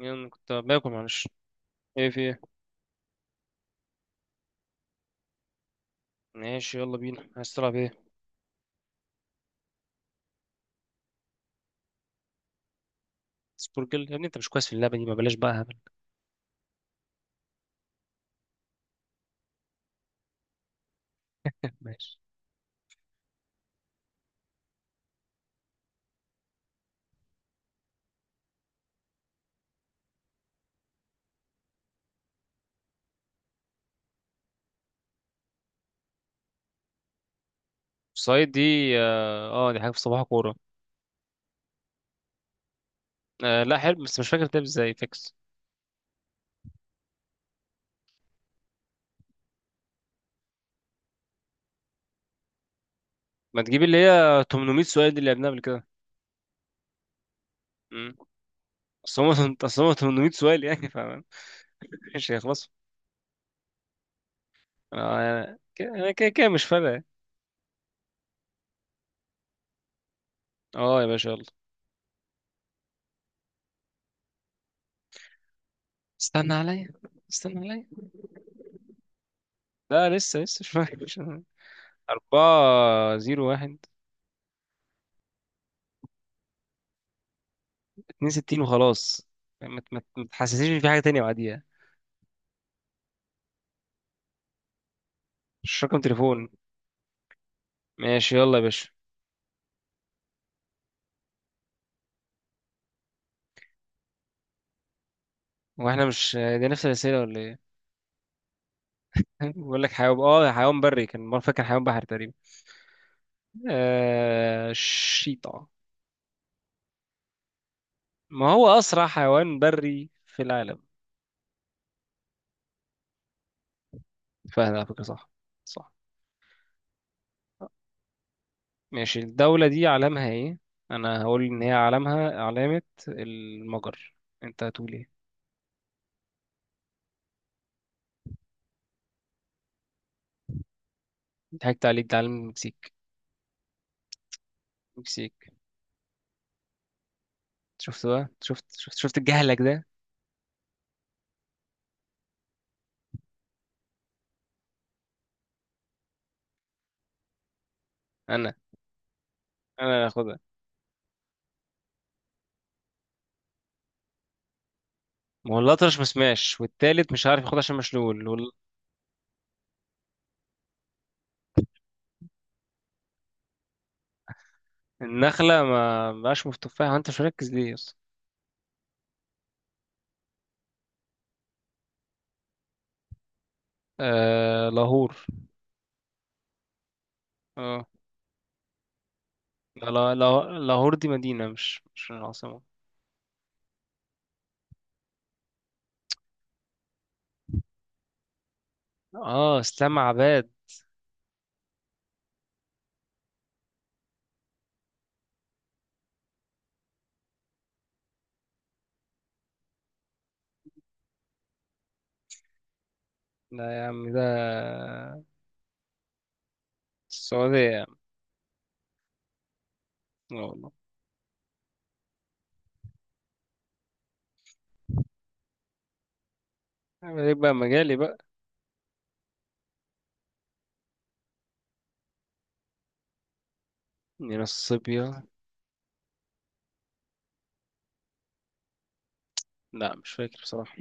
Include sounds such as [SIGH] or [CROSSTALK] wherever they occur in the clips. يلا، كنت باكل معلش. ايه، في ايه؟ ماشي يلا بينا، عايز تلعب ايه؟ سبوركل يا ابني، انت مش كويس في اللعبه دي، ما بلاش بقى هبل. ماشي. سايد دي. اه، آه، دي حاجه في صباح كوره. آه لا، حلو بس مش فاكر بتلعب ازاي فيكس. ما تجيب اللي هي 800 سؤال دي اللي لعبناها قبل كده؟ امم اصل هم 800 سؤال، يعني فاهم، مش هيخلصوا. انا أنا كده كده مش فارقه يعني. اه يا باشا يلا. استنى عليا، استنى عليا. لا لسه لسه مش فاكر أربعة زيرو واحد، 62 وخلاص. ما تحسسنيش ان في حاجه تانية بعديها. مش رقم تليفون؟ ماشي يلا يا باشا. هو احنا مش دي نفس الاسئله ولا ايه؟ [LAUGHS] بقول لك حيوان. اه حيوان بري، كان مره فاكر حيوان بحري تقريبا. الشيطه. ما هو اسرع حيوان بري في العالم؟ فهد على فكره، صح. صح. ماشي، الدوله دي علامها ايه؟ انا هقول ان هي علامها علامه المجر. انت هتقول ايه؟ ضحكت عليك، ده علم المكسيك. المكسيك. شفت بقى، شفت شفت شفت الجهلك ده. انا انا هاخدها. والأطرش مسماش، والتالت مش عارف ياخد عشان مشلول. والنخلة ما بقاش في التفاح، انت مش مركز ليه اصلا. آه، لاهور. اه. لاهور دي مدينة، مش العاصمة. اه، اسلام عباد. لا يا عم، ده السعودية يا عم. لا والله. عيب عليك بقى، مجالي بقى. دينا الصبية. لا مش فاكر بصراحة.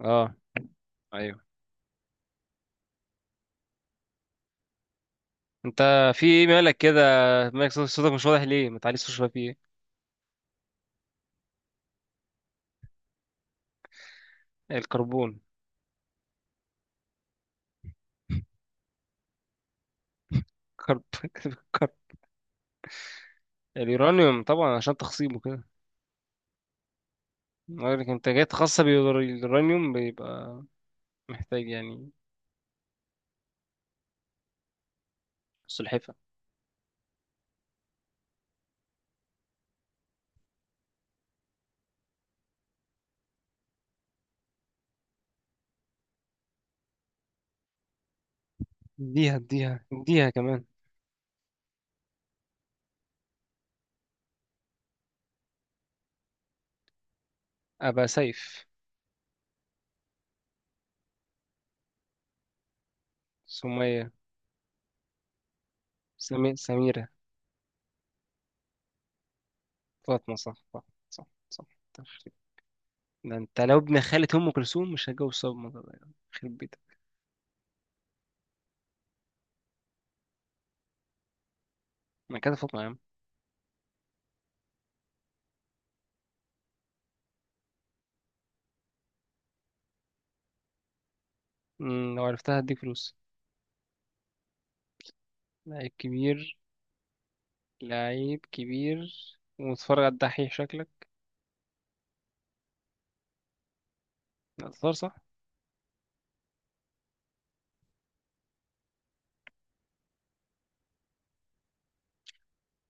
اه، ايوه. انت، في ايه مالك كده؟ مالك، صوتك مش واضح ليه؟ ما تعليش صوتك شوية، في ايه؟ الكربون. كرب [LAUGHS] كربون. اليورانيوم طبعا عشان تخصيبه كده. لكن الانتاجات خاصة باليورانيوم بيبقى محتاج يعني. سلحفة. اديها اديها اديها كمان. أبقى سيف. سمية. سميرة. فاطمة، صح صح. صح صح. تخرب. ده انت لو ابن خالة أم كلثوم، مش هتجوز صدمة ده يعني. يخرب بيتك. ما كده فاطمة يا عم. مم، لو عرفتها هديك فلوس. لعيب كبير. لعيب كبير. ومتفرج على الدحيح شكلك. لا، تختار صح.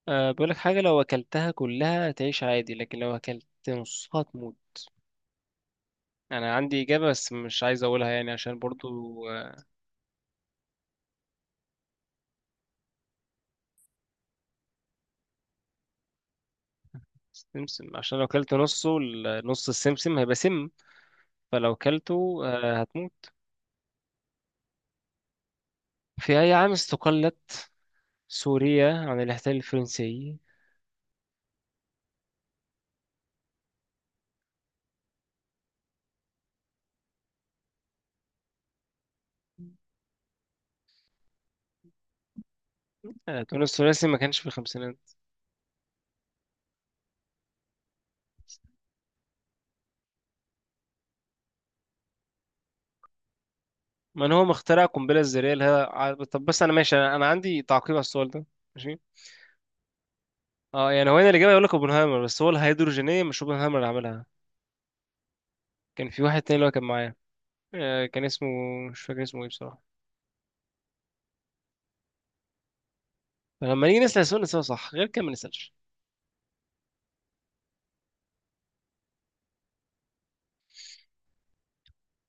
أه بقولك حاجة، لو أكلتها كلها تعيش عادي، لكن لو أكلت نصها تموت. أنا عندي إجابة بس مش عايز أقولها يعني عشان برضو. آه، سمسم، عشان لو أكلت نصه نص السمسم هيبقى سم، فلو أكلته أه هتموت. في أي عام استقلت سوريا عن الاحتلال الفرنسي؟ أه، تونس الثلاثي ما كانش في الخمسينات. من هو مخترع القنبلة الذرية اللي هي طب بس أنا ماشي، أنا عندي تعقيب على السؤال ده. ماشي. اه يعني هو هنا الإجابة يقول لك اوبنهايمر، بس هو الهيدروجينية مش اوبنهايمر اللي عملها. كان في واحد تاني اللي هو كان معايا. كان اسمه، مش فاكر اسمه ايه بصراحة. فلما نيجي نسأل السؤال نسأله صح، غير كده ما نسألش.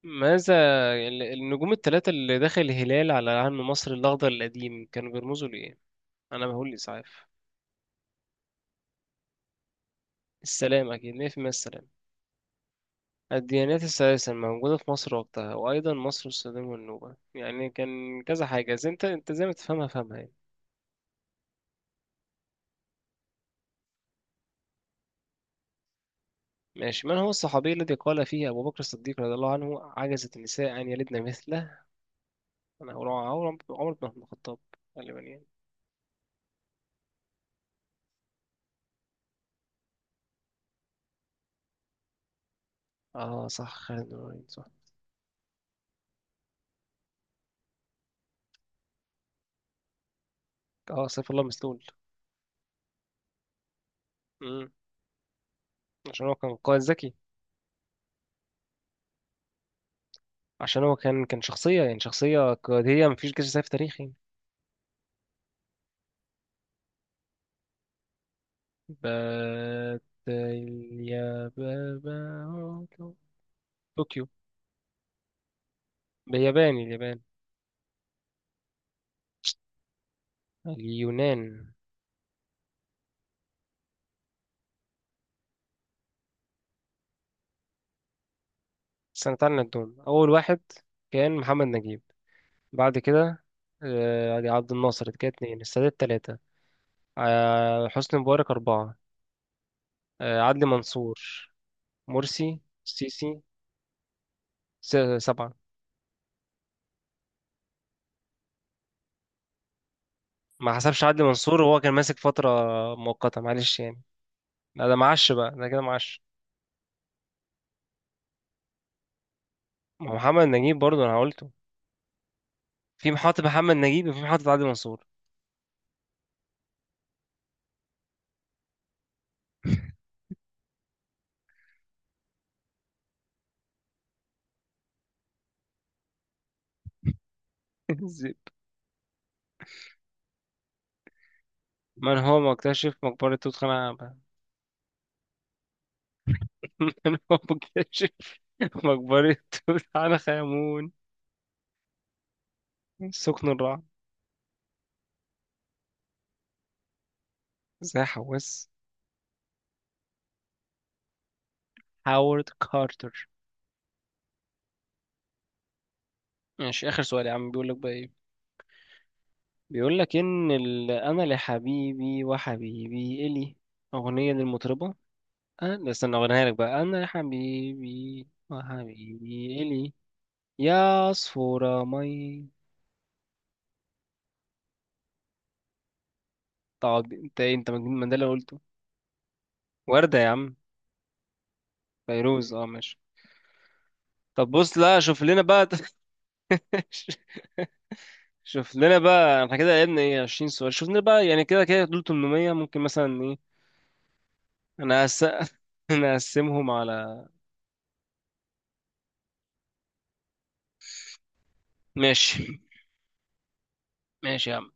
ماذا النجوم الثلاثة اللي داخل الهلال على علم مصر الأخضر القديم كانوا بيرمزوا لإيه؟ أنا بقول إسعاف. السلام أكيد 100%، السلام. الديانات الثلاثة الموجودة في مصر وقتها، وأيضا مصر والسودان والنوبة، يعني كان كذا حاجة، زي أنت زي ما تفهمها فهمها يعني. ماشي. من هو الصحابي الذي قال فيه أبو بكر الصديق رضي الله عنه عجزت النساء أن يلدن مثله؟ انا عمر، عمر بن عبد الخطاب، غالبا يعني. اه صح، خالد بن الوليد، صح. اه، سيف الله مسلول. امم. عشان هو كان قائد ذكي. عشان هو كان شخصية، يعني شخصية قيادية، مفيش جيش سيف تاريخي. بات. يا بابا. طوكيو. بياباني، اليابان. اليونان. سنة، تعالى نعدهم. أول واحد كان محمد نجيب، بعد كده عبد الناصر كده اتنين، السادات تلاتة، حسني مبارك أربعة، عدلي منصور، مرسي، سيسي. سبعة. ما حسبش عدلي منصور وهو كان ماسك فترة مؤقتة، معلش يعني. لا ده معش بقى، ده كده معش. ما هو، محمد نجيب برضه أنا قلته. في محطة محمد نجيب، وفي محطة عدلي منصور. [LAUGHS] زيد. من هو مكتشف مقبرة توت عنخ [LAUGHS] آمون؟ من هو مكتشف مقبرة توت عنخ آمون؟ سكن الرعب. زي حواس. هاورد كارتر. ماشي، آخر سؤال يا عم، بيقول لك بقى إيه؟ بيقول لك ان انا لحبيبي وحبيبي الي، اغنيه للمطربه. أه ده استنى اغنيها لك بقى، انا لحبيبي وحبيبي الي، يا عصفورة مي. طب انت ايه، انت مجنون من ده اللي قلته؟ ورده يا عم. فيروز، اه ماشي. طب بص لا، شوف لنا بقى. [LAUGHS] شوف لنا بقى، احنا كده لعبنا ايه، 20 سؤال، شوف لنا بقى يعني، كده كده دول 800، ممكن مثلا ايه. انا هس... [LAUGHS] انا هقسمهم على. ماشي. ماشي يا عم.